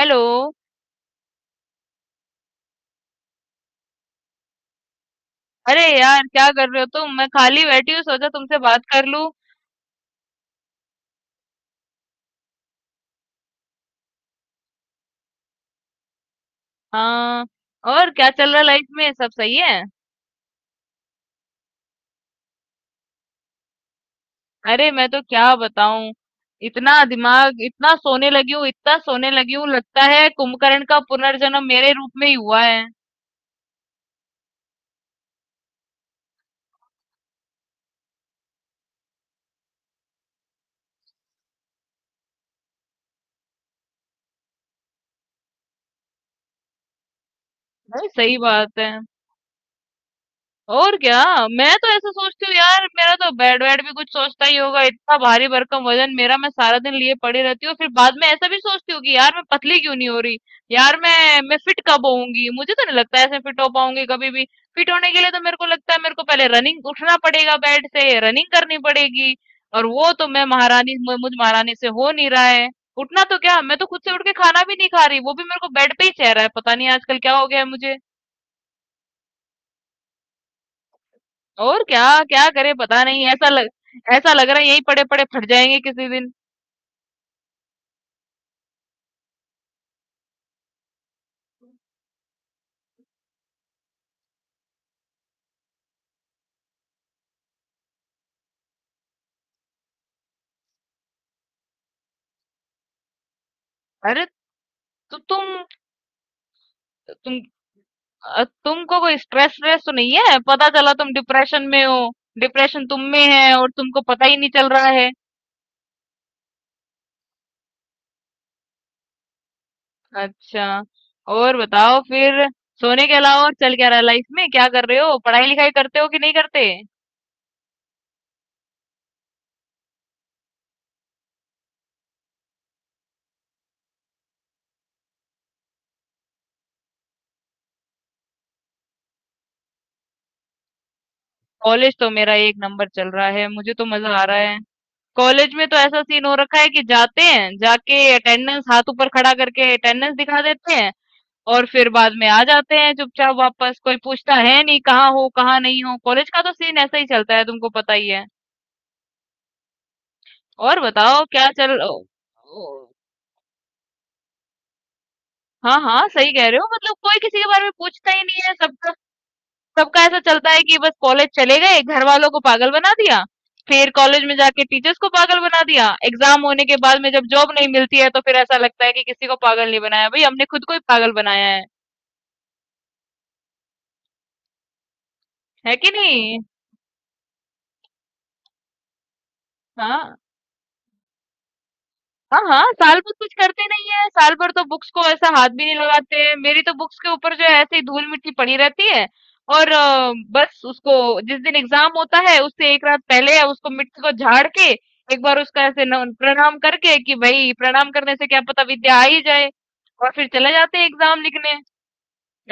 Hello. अरे यार, क्या कर रहे हो तुम? मैं खाली बैठी हूँ, सोचा तुमसे बात कर लूं। हाँ, और क्या चल रहा है लाइफ में? सब सही है? अरे मैं तो क्या बताऊं, इतना दिमाग, इतना सोने लगी हूँ, इतना सोने लगी हूँ, लगता है कुंभकर्ण का पुनर्जन्म मेरे रूप में ही हुआ है। भाई, सही बात है। और क्या। मैं तो ऐसा सोचती हूँ यार, मेरा तो बेड वेड भी कुछ सोचता ही होगा, इतना भारी भरकम वजन मेरा, मैं सारा दिन लिए पड़ी रहती हूँ। फिर बाद में ऐसा भी सोचती हूँ कि यार, मैं पतली क्यों नहीं हो रही। यार मैं फिट कब होऊंगी? मुझे तो नहीं लगता ऐसे फिट हो पाऊंगी कभी भी। फिट होने के लिए तो मेरे को लगता है मेरे को पहले रनिंग उठना पड़ेगा, बेड से रनिंग करनी पड़ेगी। और वो तो मैं महारानी, मुझ महारानी से हो नहीं रहा है। उठना तो क्या, मैं तो खुद से उठ के खाना भी नहीं खा रही, वो भी मेरे को बेड पे ही चेहरा है। पता नहीं आजकल क्या हो गया है मुझे। और क्या। क्या करे, पता नहीं। ऐसा लग रहा है यहीं पड़े पड़े फट जाएंगे किसी दिन। अरे तो तुम, तुम तुमको कोई स्ट्रेस स्ट्रेस तो नहीं है? पता चला तुम डिप्रेशन में हो। डिप्रेशन तुम में है और तुमको पता ही नहीं चल रहा है। अच्छा। और बताओ फिर, सोने के अलावा और चल क्या रहा है लाइफ में? क्या कर रहे हो, पढ़ाई लिखाई करते हो कि नहीं करते? कॉलेज तो मेरा एक नंबर चल रहा है, मुझे तो मजा आ रहा है। कॉलेज में तो ऐसा सीन हो रखा है कि जाते हैं, जाके अटेंडेंस, हाथ ऊपर खड़ा करके अटेंडेंस दिखा देते हैं। और फिर बाद में आ जाते हैं चुपचाप वापस। कोई पूछता है नहीं कहाँ हो, कहाँ नहीं हो। कॉलेज का तो सीन ऐसा ही चलता है, तुमको पता ही है। और बताओ, क्या चल ओ, ओ, हाँ हाँ, सही कह रहे हो। मतलब कोई किसी के बारे में पूछता ही नहीं है, सब। सबका ऐसा चलता है कि बस कॉलेज चले गए, घर वालों को पागल बना दिया। फिर कॉलेज में जाके टीचर्स को पागल बना दिया। एग्जाम होने के बाद में जब जॉब नहीं मिलती है तो फिर ऐसा लगता है कि किसी को पागल नहीं बनाया भाई, हमने खुद को ही पागल बनाया है। है कि नहीं? हाँ, हाँ, हाँ, साल भर कुछ करते नहीं है। साल भर तो बुक्स को ऐसा हाथ भी नहीं लगाते हैं, मेरी तो बुक्स के ऊपर जो है ऐसे ही धूल मिट्टी पड़ी रहती है। और बस उसको, जिस दिन एग्जाम होता है उससे एक रात पहले उसको मिट्टी को झाड़ के, एक बार उसका ऐसे प्रणाम करके कि भाई प्रणाम करने से क्या पता विद्या आ ही जाए। और फिर चले जाते हैं एग्जाम लिखने।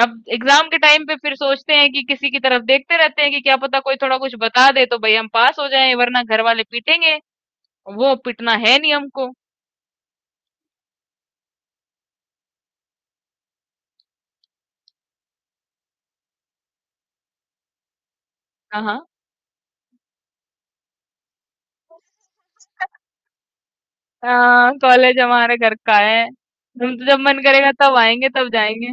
अब एग्जाम के टाइम पे फिर सोचते हैं कि किसी की तरफ देखते रहते हैं कि क्या पता कोई थोड़ा कुछ बता दे तो भाई हम पास हो जाएं, वरना घर वाले पीटेंगे। वो पीटना है नहीं हमको। हाँ, हाँ। हाँ, कॉलेज हमारे घर का है, हम तो जब मन करेगा तब आएंगे तब जाएंगे।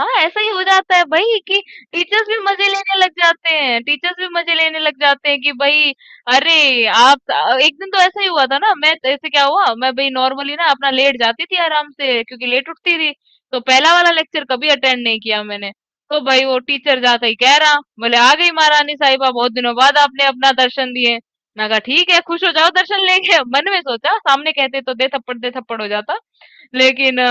हाँ, ऐसा ही हो जाता है भाई कि टीचर्स भी मजे लेने लग जाते हैं। टीचर्स भी मजे लेने लग जाते हैं कि भाई, अरे आप, एक दिन तो ऐसा ही हुआ था ना। मैं तो ऐसे, क्या हुआ, मैं भाई नॉर्मली ना अपना लेट जाती थी आराम से, क्योंकि लेट उठती थी। तो पहला वाला लेक्चर कभी अटेंड नहीं किया मैंने। तो भाई वो टीचर जाता ही कह रहा, बोले, "आ गई महारानी साहिबा, बहुत दिनों बाद आपने अपना दर्शन दिए।" मैं कहा ठीक है, खुश हो जाओ दर्शन लेके। मन में सोचा, सामने कहते तो दे थप्पड़ हो जाता, लेकिन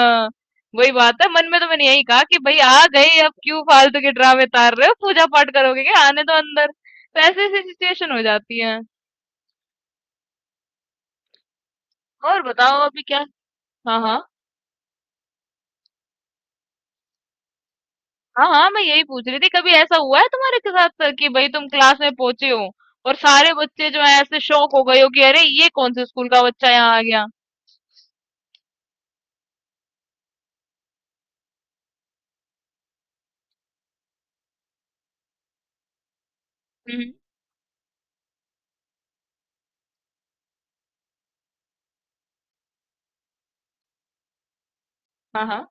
वही बात है, मन में तो मैंने यही कहा कि भाई आ गए अब क्यों फालतू के ड्रामे तार रहे हो, पूजा पाठ करोगे क्या, आने दो अंदर। तो ऐसी ऐसी सिचुएशन हो जाती है। और बताओ अभी क्या। हाँ, हाँ। हाँ हाँ, मैं यही पूछ रही थी, कभी ऐसा हुआ है तुम्हारे के साथ सर कि भाई तुम क्लास में पहुंचे हो और सारे बच्चे जो है ऐसे शौक हो गए हो कि अरे ये कौन से स्कूल का बच्चा यहाँ आ गया। हम्म। हाँ, हाँ।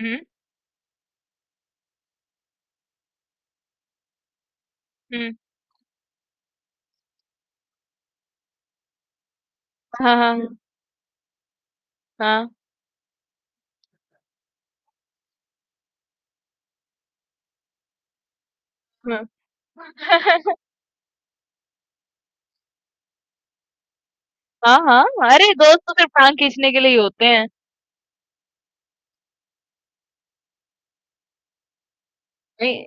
हम्म। हम्म। हाँ, हाँ। हाँ, हाँ। हाँ, हाँ। अरे दोस्त तो सिर्फ टांग खींचने के लिए ही होते हैं। नहीं।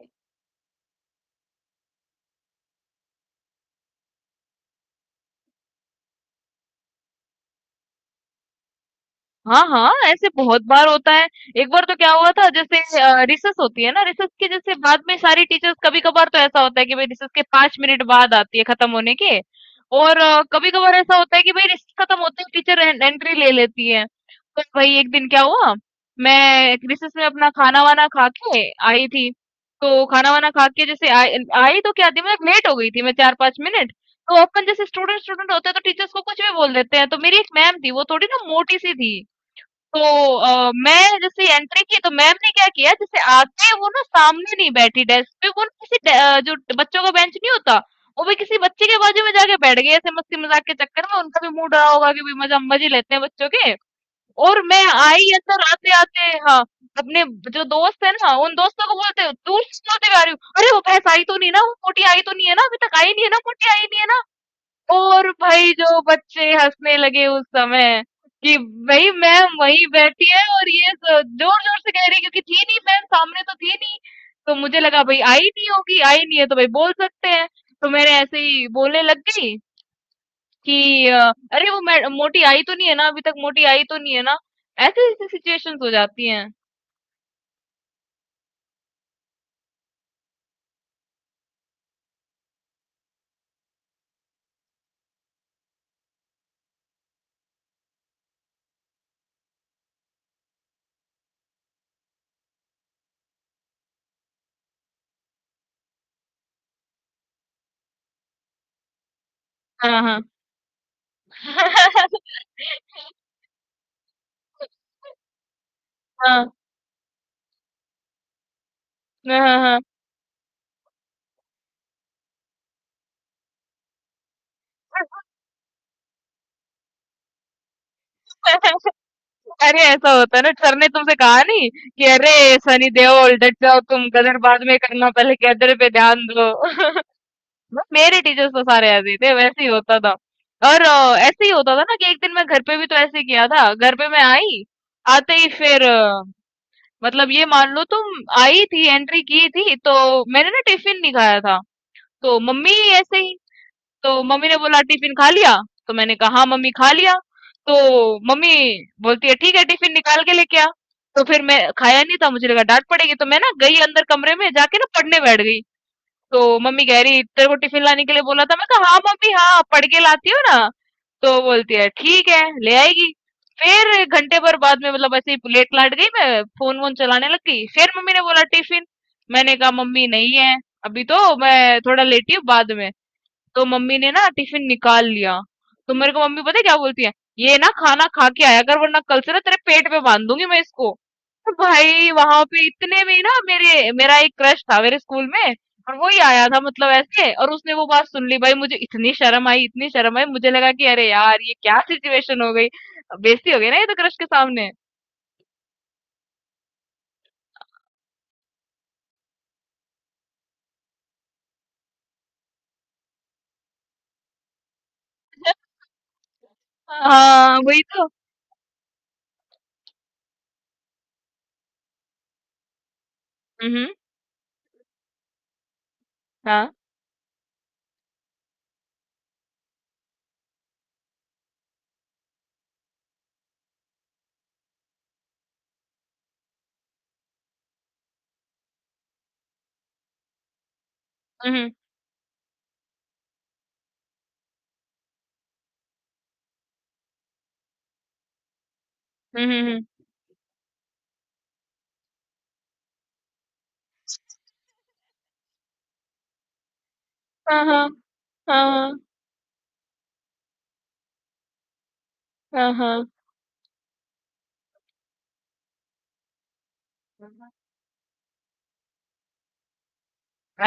हाँ हाँ, ऐसे बहुत बार होता है। एक बार तो क्या हुआ था, जैसे रिसर्च होती है ना, रिसर्च के जैसे बाद में सारी टीचर्स, कभी कभार तो ऐसा होता है कि भाई रिसर्च के पांच मिनट बाद आती है खत्म होने के। और कभी कभार ऐसा होता है कि भाई रिसर्च खत्म होते ही टीचर एंट्री ले लेती है। तो भाई एक दिन क्या हुआ, मैं रिसर्च में अपना खाना वाना खा के आई थी। तो खाना वाना खा के जैसे आई, आई तो क्या थी, मैं लेट हो गई थी, मैं चार पांच मिनट। तो अपन जैसे स्टूडेंट स्टूडेंट होते हैं तो टीचर्स को कुछ भी बोल देते हैं। तो मेरी एक मैम थी, वो थोड़ी ना मोटी सी थी। तो मैं जैसे एंट्री की, तो मैम ने क्या किया, जैसे आते ही वो ना सामने नहीं बैठी डेस्क पे, वो ना किसी जो बच्चों का बेंच नहीं होता, वो भी किसी बच्चे के बाजू में जाके बैठ गए, ऐसे मस्ती मजाक के चक्कर में उनका भी मूड रहा होगा कि भी मजा, मजे लेते हैं बच्चों के। और मैं आई, अंदर आते आते हाँ अपने जो दोस्त है ना, उन दोस्तों को बोलते, दूर से बोलते हुए आ रही हूँ, "अरे वो भैंस आई तो नहीं ना, वो मोटी आई तो नहीं है ना, अभी तक आई नहीं है ना, मोटी आई नहीं है ना।" और भाई जो बच्चे हंसने लगे उस समय कि भाई मैम वहीं बैठी है और ये जोर जोर से कह रही है, क्योंकि थी नहीं मैम सामने, तो थी नहीं तो मुझे लगा भाई आई नहीं होगी, आई नहीं है तो भाई बोल सकते हैं। तो मैंने ऐसे ही बोलने लग गई कि अरे वो मोटी आई तो नहीं है ना अभी तक, मोटी आई तो नहीं है ना। ऐसे ऐसी सिचुएशंस हो जाती हैं। हाँ, हाँ। हाँ, हाँ। हाँ, हाँ। अरे ऐसा होता है ना। सर ने तुमसे कहा नहीं कि अरे सनी देओल डट जाओ तुम, गदर बाद में करना, पहले गदर पे ध्यान दो। मेरे टीचर्स तो सारे ऐसे ही थे, वैसे ही होता था। और ऐसे ही होता था ना कि एक दिन मैं घर पे भी तो ऐसे ही किया था। घर पे मैं आई, आते ही फिर मतलब ये मान लो तुम आई थी एंट्री की थी तो मैंने ना टिफिन नहीं खाया था। तो मम्मी ऐसे ही, तो मम्मी ने बोला टिफिन खा लिया? तो मैंने कहा हाँ मम्मी खा लिया। तो मम्मी बोलती है ठीक है टिफिन निकाल के लेके आ। तो फिर मैं खाया नहीं था, मुझे लगा डांट पड़ेगी, तो मैं ना गई अंदर कमरे में जाके ना पढ़ने बैठ गई। तो मम्मी कह रही तेरे को टिफिन लाने के लिए बोला था। मैं कहा हाँ मम्मी, हाँ पढ़ के लाती हो ना। तो बोलती है ठीक है ले आएगी। फिर घंटे भर बाद में मतलब ऐसे ही लेट लाट गई मैं, फोन वोन चलाने लग गई। फिर मम्मी ने बोला टिफिन। मैंने कहा मम्मी नहीं है, अभी तो मैं थोड़ा लेटी हूँ, बाद में। तो मम्मी ने ना टिफिन निकाल लिया। तो मेरे को मम्मी पता है क्या बोलती है, ये ना खाना खा के आया कर वरना कल से ना तेरे पेट पे बांध दूंगी मैं इसको। तो भाई वहां पे इतने में ही ना मेरे मेरा एक क्रश था मेरे स्कूल में और वो ही आया था मतलब ऐसे, और उसने वो बात सुन ली। भाई मुझे इतनी शर्म आई, इतनी शर्म आई, मुझे लगा कि अरे यार ये क्या सिचुएशन हो गई। बेइज्जती हो गई ना ये तो क्रश के सामने। हाँ वही तो। हम्म। हाँ। हम्म। हम्म। हम्म। हम्म। हाँ, हाँ, हाँ। हाँ, हाँ, हाँ।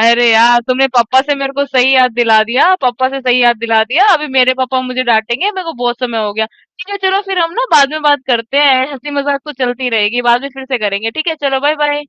अरे यार, तुमने पापा से मेरे को सही याद दिला दिया, पापा से सही याद दिला दिया। अभी मेरे पापा मुझे डांटेंगे, मेरे को बहुत समय हो गया। ठीक है चलो, फिर हम ना बाद में बात करते हैं, हंसी मजाक तो चलती रहेगी, बाद में फिर से करेंगे। ठीक है चलो, बाय बाय।